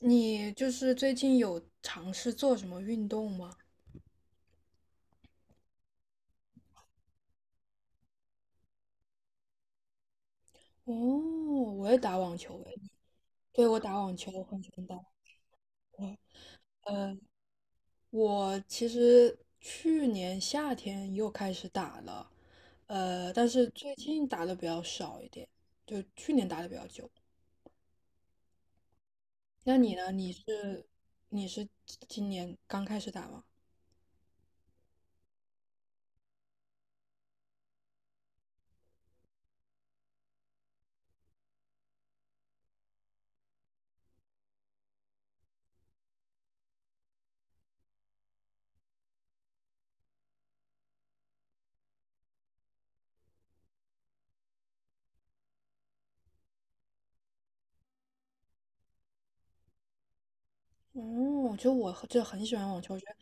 你就是最近有尝试做什么运动吗？哦，我也打网球诶，对，我打网球，我很喜欢打网球。呃，我其实去年夏天又开始打了，但是最近打的比较少一点，就去年打的比较久。那你呢？你是今年刚开始打吗？哦，就我就很喜欢网球，我觉得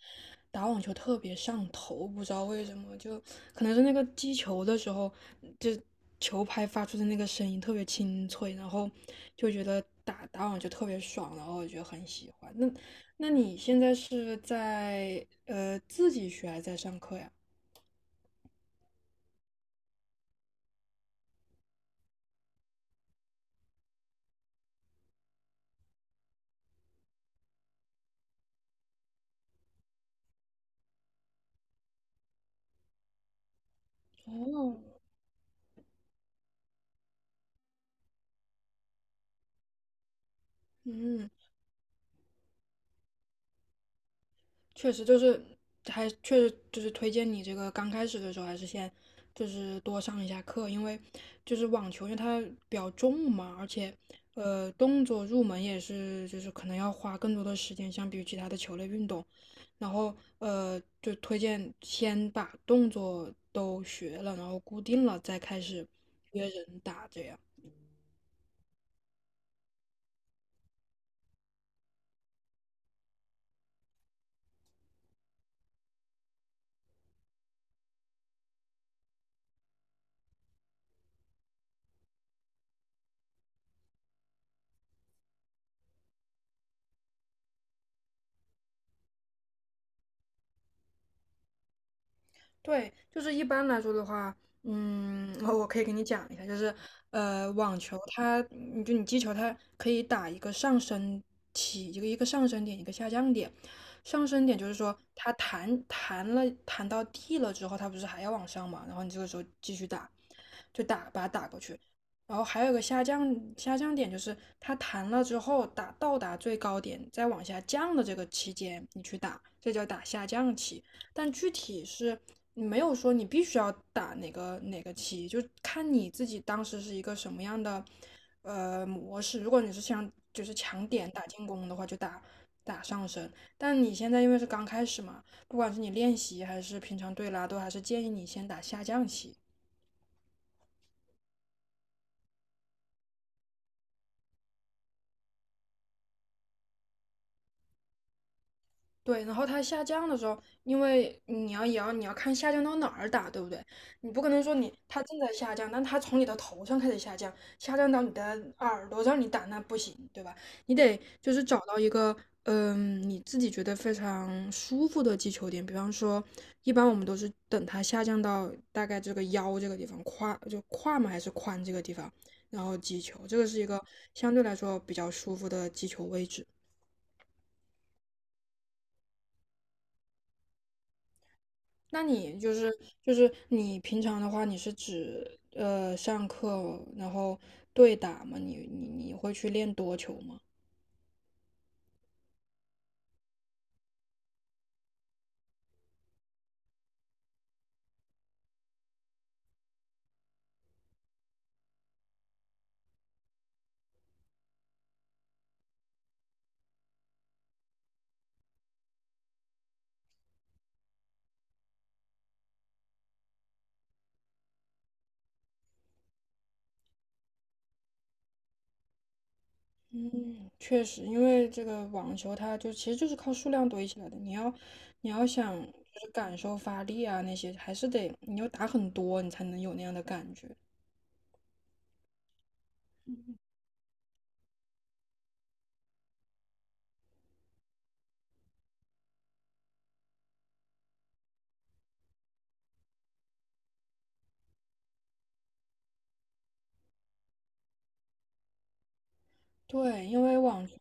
打网球特别上头，不知道为什么，就可能是那个击球的时候，就球拍发出的那个声音特别清脆，然后就觉得打打网球特别爽，然后我就很喜欢。那你现在是在自己学还是在上课呀？哦，嗯，确实就是还确实就是推荐你这个刚开始的时候还是先就是多上一下课，因为就是网球，因为它比较重嘛，而且动作入门也是就是可能要花更多的时间，相比于其他的球类运动。然后就推荐先把动作都学了，然后固定了再开始约人打这样。对，就是一般来说的话，嗯，我可以给你讲一下，就是网球它，你击球，它可以打一个上升起，一个上升点，一个下降点。上升点就是说，它弹到地了之后，它不是还要往上嘛？然后你这个时候继续打，把它打过去。然后还有一个下降点，就是它弹了之后打到达最高点，再往下降的这个期间，你去打，这叫打下降期。但具体是没有说你必须要打哪个棋，就看你自己当时是一个什么样的模式。如果你是想就是强点打进攻的话，就打上升。但你现在因为是刚开始嘛，不管是你练习还是平常对拉，都还是建议你先打下降棋。对，然后它下降的时候，因为你要看下降到哪儿打，对不对？你不可能说你它正在下降，但它从你的头上开始下降，下降到你的耳朵让你打，那不行，对吧？你得就是找到一个你自己觉得非常舒服的击球点，比方说，一般我们都是等它下降到大概这个腰这个地方，胯就胯嘛还是髋这个地方，然后击球，这个是一个相对来说比较舒服的击球位置。那你就是你平常的话，你是指上课然后对打吗？你会去练多球吗？嗯，确实，因为这个网球它就其实就是靠数量堆起来的。你要想就是感受发力啊那些，还是得你要打很多，你才能有那样的感觉。对，因为网球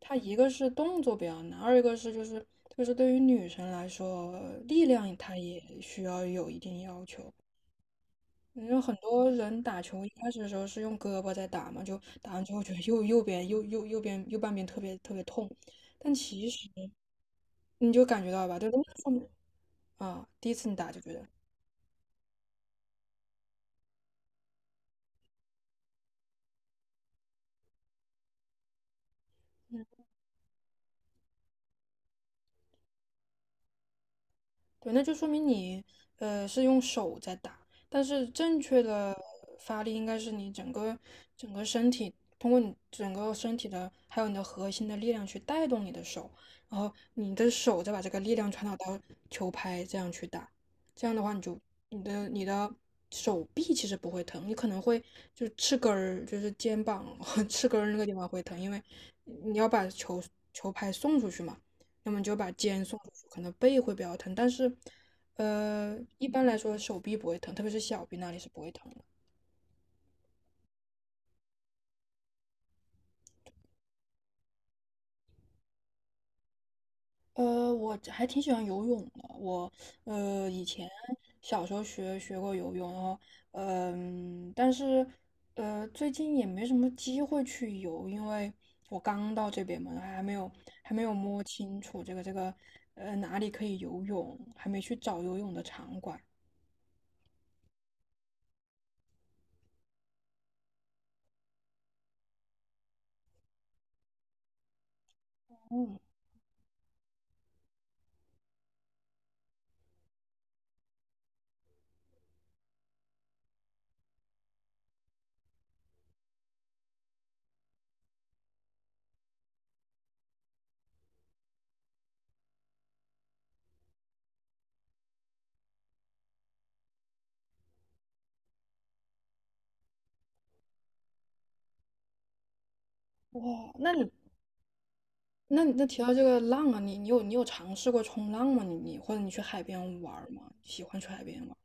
它一个是动作比较难，二一个是就是对于女生来说，力量它也需要有一定要求。因为很多人打球一开始的时候是用胳膊在打嘛，就打完之后觉得右半边特别特别痛，但其实你就感觉到吧，对，都是上面啊，第一次你打就觉得。对，那就说明你是用手在打，但是正确的发力应该是你整个身体，通过你整个身体的还有你的核心的力量去带动你的手，然后你的手再把这个力量传导到球拍，这样去打，这样的话你的手臂其实不会疼，你可能会就翅根儿就是肩膀 翅根儿那个地方会疼，因为你要把球拍送出去嘛。那么就把肩送出去，可能背会比较疼，但是，一般来说手臂不会疼，特别是小臂那里是不会疼的。我还挺喜欢游泳的，我以前小时候学过游泳，然后但是最近也没什么机会去游，因为我刚到这边嘛，还没有摸清楚这个哪里可以游泳，还没去找游泳的场馆。嗯，哇，那提到这个浪啊，你有尝试过冲浪吗？或者你去海边玩儿吗？喜欢去海边玩儿？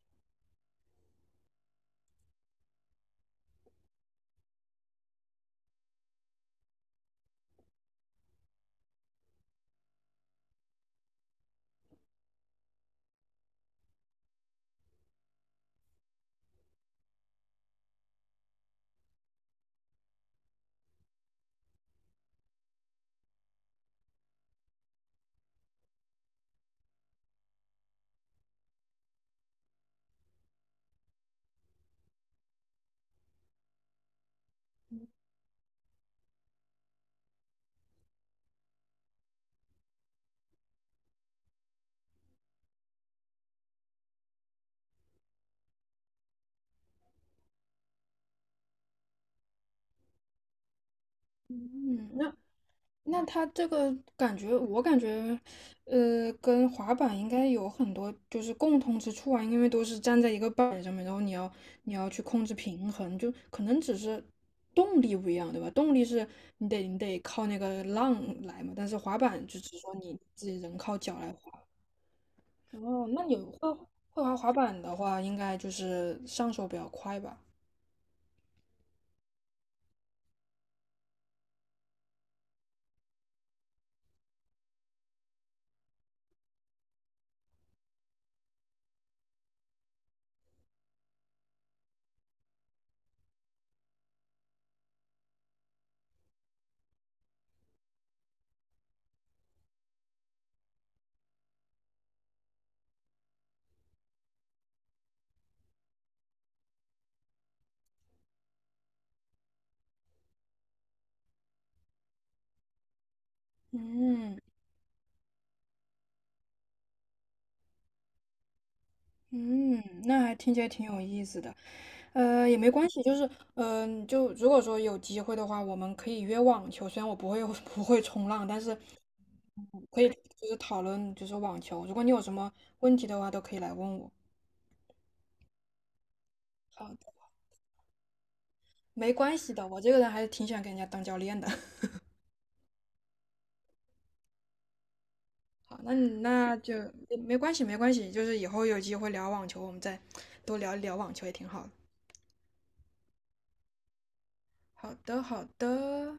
嗯，那它这个感觉，我感觉，跟滑板应该有很多就是共通之处啊，因为都是站在一个板儿上面，然后你要去控制平衡，就可能只是动力不一样，对吧？动力是你得靠那个浪来嘛，但是滑板就只是说你自己人靠脚来滑。哦，那你会滑滑板的话，应该就是上手比较快吧？嗯嗯，那还听起来挺有意思的。也没关系，就是就如果说有机会的话，我们可以约网球。虽然我不会 不会冲浪，但是可以就是讨论就是网球。如果你有什么问题的话，都可以来问我。好的，没关系的，我这个人还是挺喜欢给人家当教练的。好，那就没关系，没关系，就是以后有机会聊网球，我们再多聊一聊网球也挺好的。好的，好的，